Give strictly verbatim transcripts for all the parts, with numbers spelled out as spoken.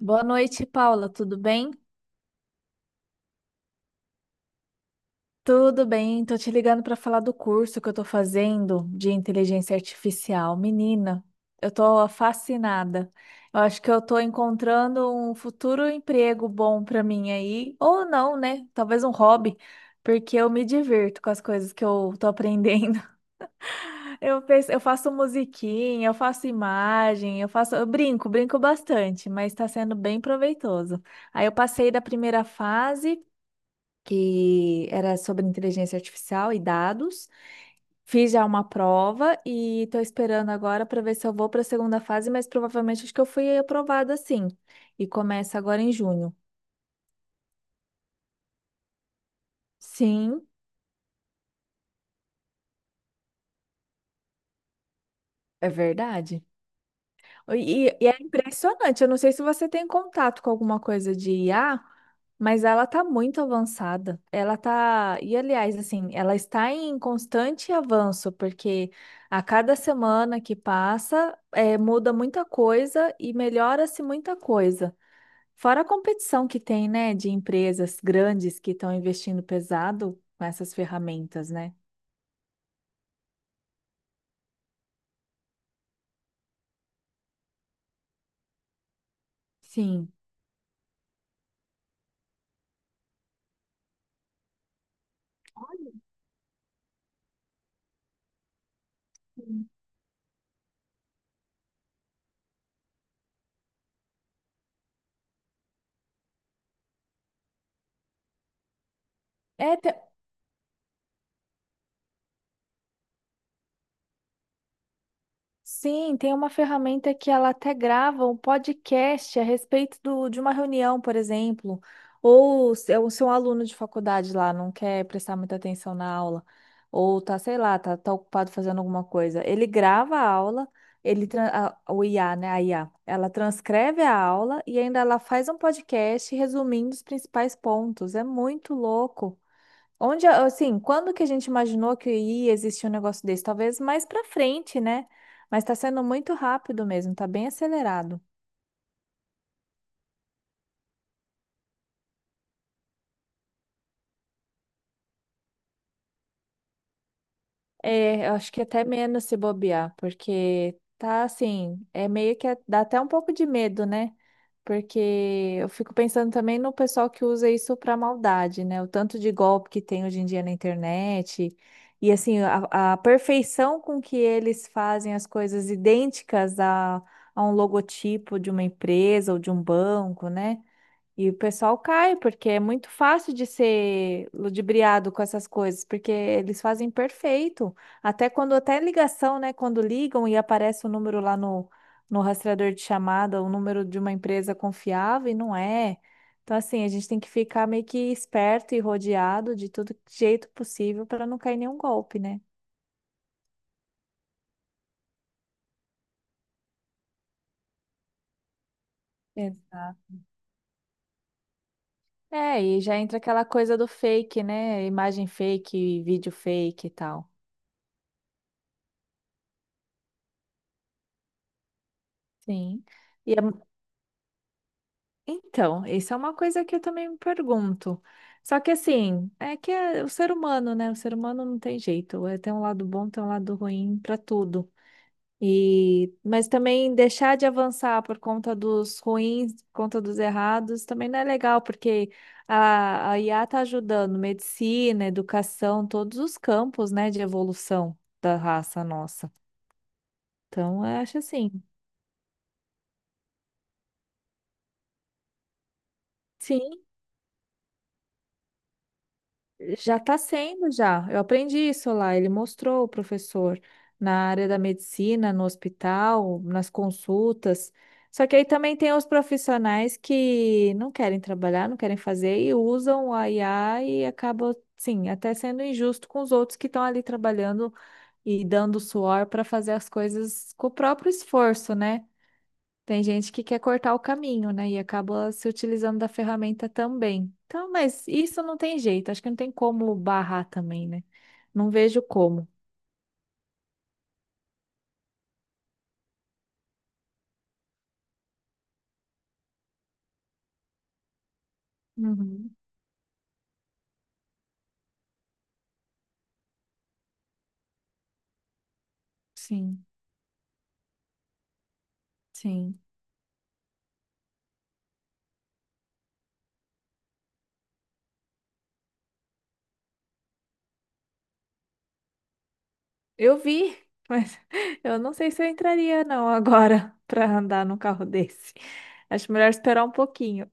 Boa noite, Paula. Tudo bem? Tudo bem. Tô te ligando para falar do curso que eu tô fazendo de inteligência artificial. Menina, eu tô fascinada. Eu acho que eu tô encontrando um futuro emprego bom para mim aí, ou não, né? Talvez um hobby, porque eu me divirto com as coisas que eu tô aprendendo. Eu penso, eu faço musiquinha, eu faço imagem, eu faço, eu brinco, brinco bastante, mas está sendo bem proveitoso. Aí eu passei da primeira fase que era sobre inteligência artificial e dados. Fiz já uma prova e estou esperando agora para ver se eu vou para a segunda fase, mas provavelmente acho que eu fui aprovada sim. E começa agora em junho. Sim, é verdade. E, e é impressionante. Eu não sei se você tem contato com alguma coisa de I A, mas ela tá muito avançada. Ela tá, e aliás, assim, ela está em constante avanço, porque a cada semana que passa, eh, muda muita coisa e melhora-se muita coisa. Fora a competição que tem, né, de empresas grandes que estão investindo pesado com essas ferramentas, né? Sim. É, te- Sim, tem uma ferramenta que ela até grava um podcast a respeito do, de uma reunião, por exemplo, ou se é o seu aluno de faculdade lá não quer prestar muita atenção na aula, ou tá, sei lá, tá, tá ocupado fazendo alguma coisa. Ele grava a aula, ele, tran- a- o I A, né, a I A, ela transcreve a aula e ainda ela faz um podcast resumindo os principais pontos. É muito louco. Onde, assim, quando que a gente imaginou que ia existir um negócio desse? Talvez mais pra frente, né? Mas tá sendo muito rápido mesmo, tá bem acelerado. É, eu acho que até menos se bobear, porque tá assim, é meio que dá até um pouco de medo, né? Porque eu fico pensando também no pessoal que usa isso pra maldade, né? O tanto de golpe que tem hoje em dia na internet. E assim, a, a perfeição com que eles fazem as coisas idênticas a, a um logotipo de uma empresa ou de um banco, né? E o pessoal cai, porque é muito fácil de ser ludibriado com essas coisas, porque eles fazem perfeito. Até quando, até ligação, né? Quando ligam e aparece o número lá no, no rastreador de chamada, o número de uma empresa confiável, e não é. Então, assim, a gente tem que ficar meio que esperto e rodeado de todo jeito possível para não cair nenhum golpe, né? Exato. É, e já entra aquela coisa do fake, né? Imagem fake, vídeo fake e tal. Sim. e é Então, isso é uma coisa que eu também me pergunto. Só que assim, é que é o ser humano, né? O ser humano não tem jeito. É, tem um lado bom, tem um lado ruim para tudo. E, mas também deixar de avançar por conta dos ruins, por conta dos errados, também não é legal, porque a, a I A está ajudando medicina, educação, todos os campos, né, de evolução da raça nossa. Então, eu acho assim. Sim, já está sendo, já. Eu aprendi isso lá. Ele mostrou o professor na área da medicina, no hospital, nas consultas. Só que aí também tem os profissionais que não querem trabalhar, não querem fazer e usam a I A e acaba, sim, até sendo injusto com os outros que estão ali trabalhando e dando suor para fazer as coisas com o próprio esforço, né? Tem gente que quer cortar o caminho, né? E acaba se utilizando da ferramenta também. Então, mas isso não tem jeito. Acho que não tem como barrar também, né? Não vejo como. Uhum. Sim, sim. Eu vi, mas eu não sei se eu entraria não agora para andar num carro desse. Acho melhor esperar um pouquinho.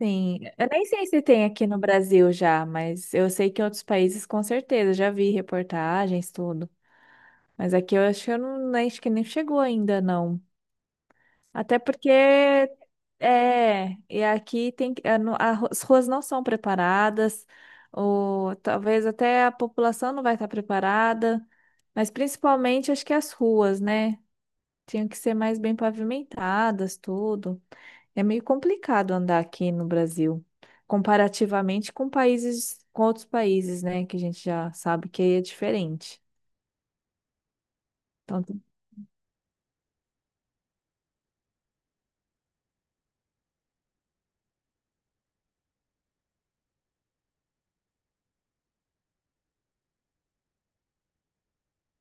Sim, eu nem sei se tem aqui no Brasil já, mas eu sei que em outros países com certeza já vi reportagens, tudo. Mas aqui eu acho que eu não, acho que nem chegou ainda não. Até porque é, e aqui tem que- a no- a ru- as ruas não são preparadas, ou talvez até a população não vai estar preparada, mas principalmente acho que as ruas, né? Tinham que ser mais bem pavimentadas, tudo. É meio complicado andar aqui no Brasil, comparativamente com países, com outros países, né? Que a gente já sabe que é diferente. Então,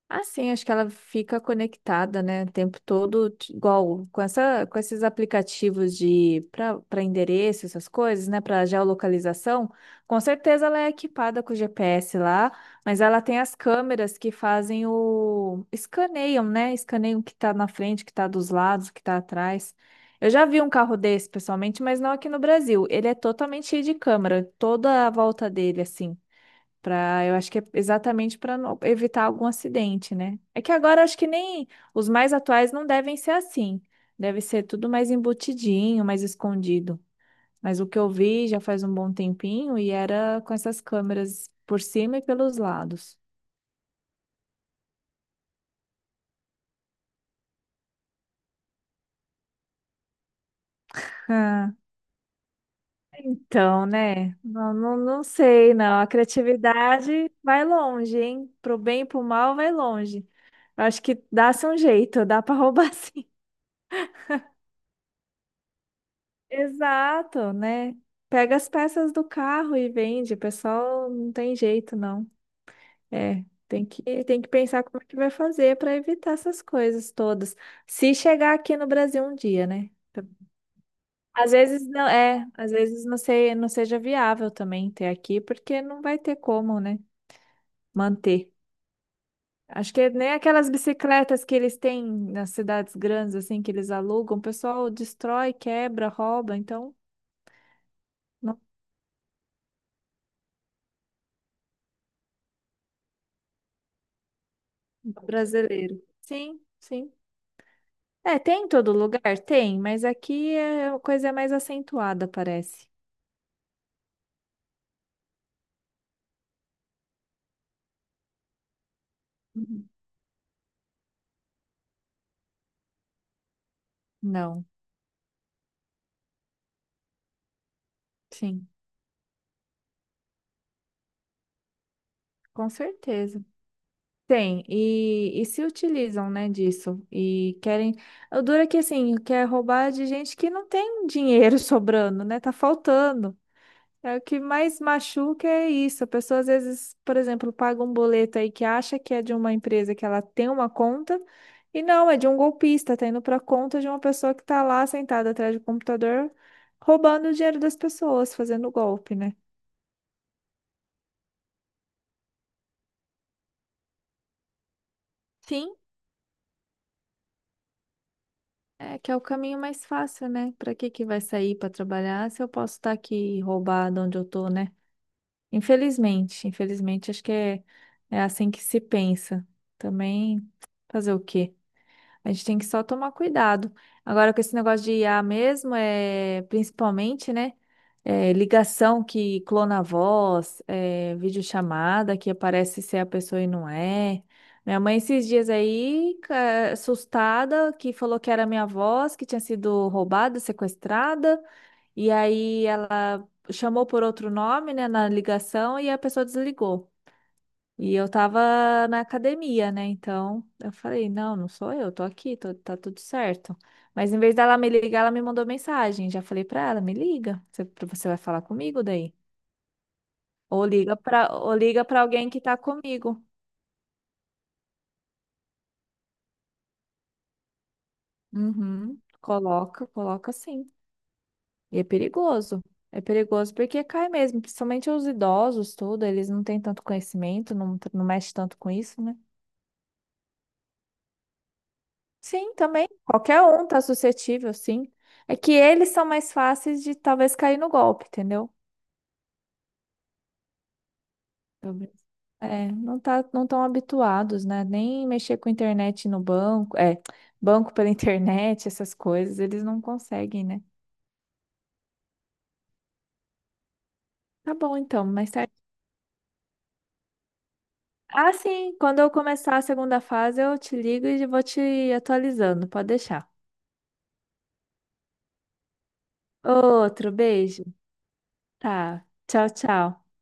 assim, acho que ela fica conectada, né, o tempo todo, t- igual com essa, com esses aplicativos de para para endereço, essas coisas, né, para geolocalização. Com certeza ela é equipada com G P S lá, mas ela tem as câmeras que fazem o escaneiam, né? Escaneiam o que está na frente, o que está dos lados, o que está atrás. Eu já vi um carro desse pessoalmente, mas não aqui no Brasil. Ele é totalmente cheio de câmera, toda a volta dele assim. Pra, eu acho que é exatamente para evitar algum acidente, né? É que agora acho que nem os mais atuais não devem ser assim. Deve ser tudo mais embutidinho, mais escondido. Mas o que eu vi já faz um bom tempinho e era com essas câmeras por cima e pelos lados. Ah, então, né? Não, não, não sei, não. A criatividade vai longe, hein? Pro bem e pro mal vai longe. Eu acho que dá-se um jeito, dá para roubar sim. Exato, né? Pega as peças do carro e vende. O pessoal não tem jeito, não. É, tem que, tem que pensar como é que vai fazer para evitar essas coisas todas. Se chegar aqui no Brasil um dia, né? Às vezes não é, às vezes não sei, não seja viável também ter aqui, porque não vai ter como, né? Manter. Acho que nem aquelas bicicletas que eles têm nas cidades grandes, assim, que eles alugam, o pessoal destrói, quebra, rouba, então. Brasileiro. Sim, sim. É, tem em todo lugar? Tem, mas aqui é, a coisa é mais acentuada, parece. Uhum. Não, sim, com certeza. Tem, e, e se utilizam, né, disso. E querem. O duro é que, assim, quer roubar de gente que não tem dinheiro sobrando, né? Tá faltando. É o que mais machuca é isso. A pessoa às vezes, por exemplo, paga um boleto aí que acha que é de uma empresa que ela tem uma conta e não, é de um golpista, tá indo para conta de uma pessoa que tá lá sentada atrás do computador roubando o dinheiro das pessoas, fazendo golpe, né? Sim, é que é o caminho mais fácil, né? Para que que vai sair para trabalhar se eu posso estar aqui roubado onde eu tô, né? Infelizmente, infelizmente acho que é, é assim que se pensa. Também fazer o quê? A gente tem que só tomar cuidado. Agora, com esse negócio de I A mesmo, é principalmente, né? é, ligação que clona a voz, é, videochamada que aparece ser a pessoa e não é. Minha mãe, esses dias aí, ca- assustada, que falou que era minha voz, que tinha sido roubada, sequestrada, e aí ela chamou por outro nome, né, na ligação e a pessoa desligou. E eu tava na academia, né? Então eu falei: não, não sou eu, tô aqui, tô- tá tudo certo. Mas em vez dela me ligar, ela me mandou mensagem. Já falei pra ela: me liga, você, você vai falar comigo daí? Ou liga pra, ou liga pra alguém que tá comigo. Uhum, coloca, coloca sim. E é perigoso. É perigoso porque cai mesmo, principalmente os idosos, tudo, eles não têm tanto conhecimento, não, não mexe tanto com isso, né? Sim, também. Qualquer um tá suscetível, sim. É que eles são mais fáceis de talvez cair no golpe, entendeu? Talvez. É, não tá, não tão habituados, né? Nem mexer com internet no banco, é, banco pela internet, essas coisas, eles não conseguem, né? Tá bom, então, mais tarde. Ah, sim, quando eu começar a segunda fase, eu te ligo e vou te atualizando, pode deixar. Outro beijo. Tá. Tchau, tchau.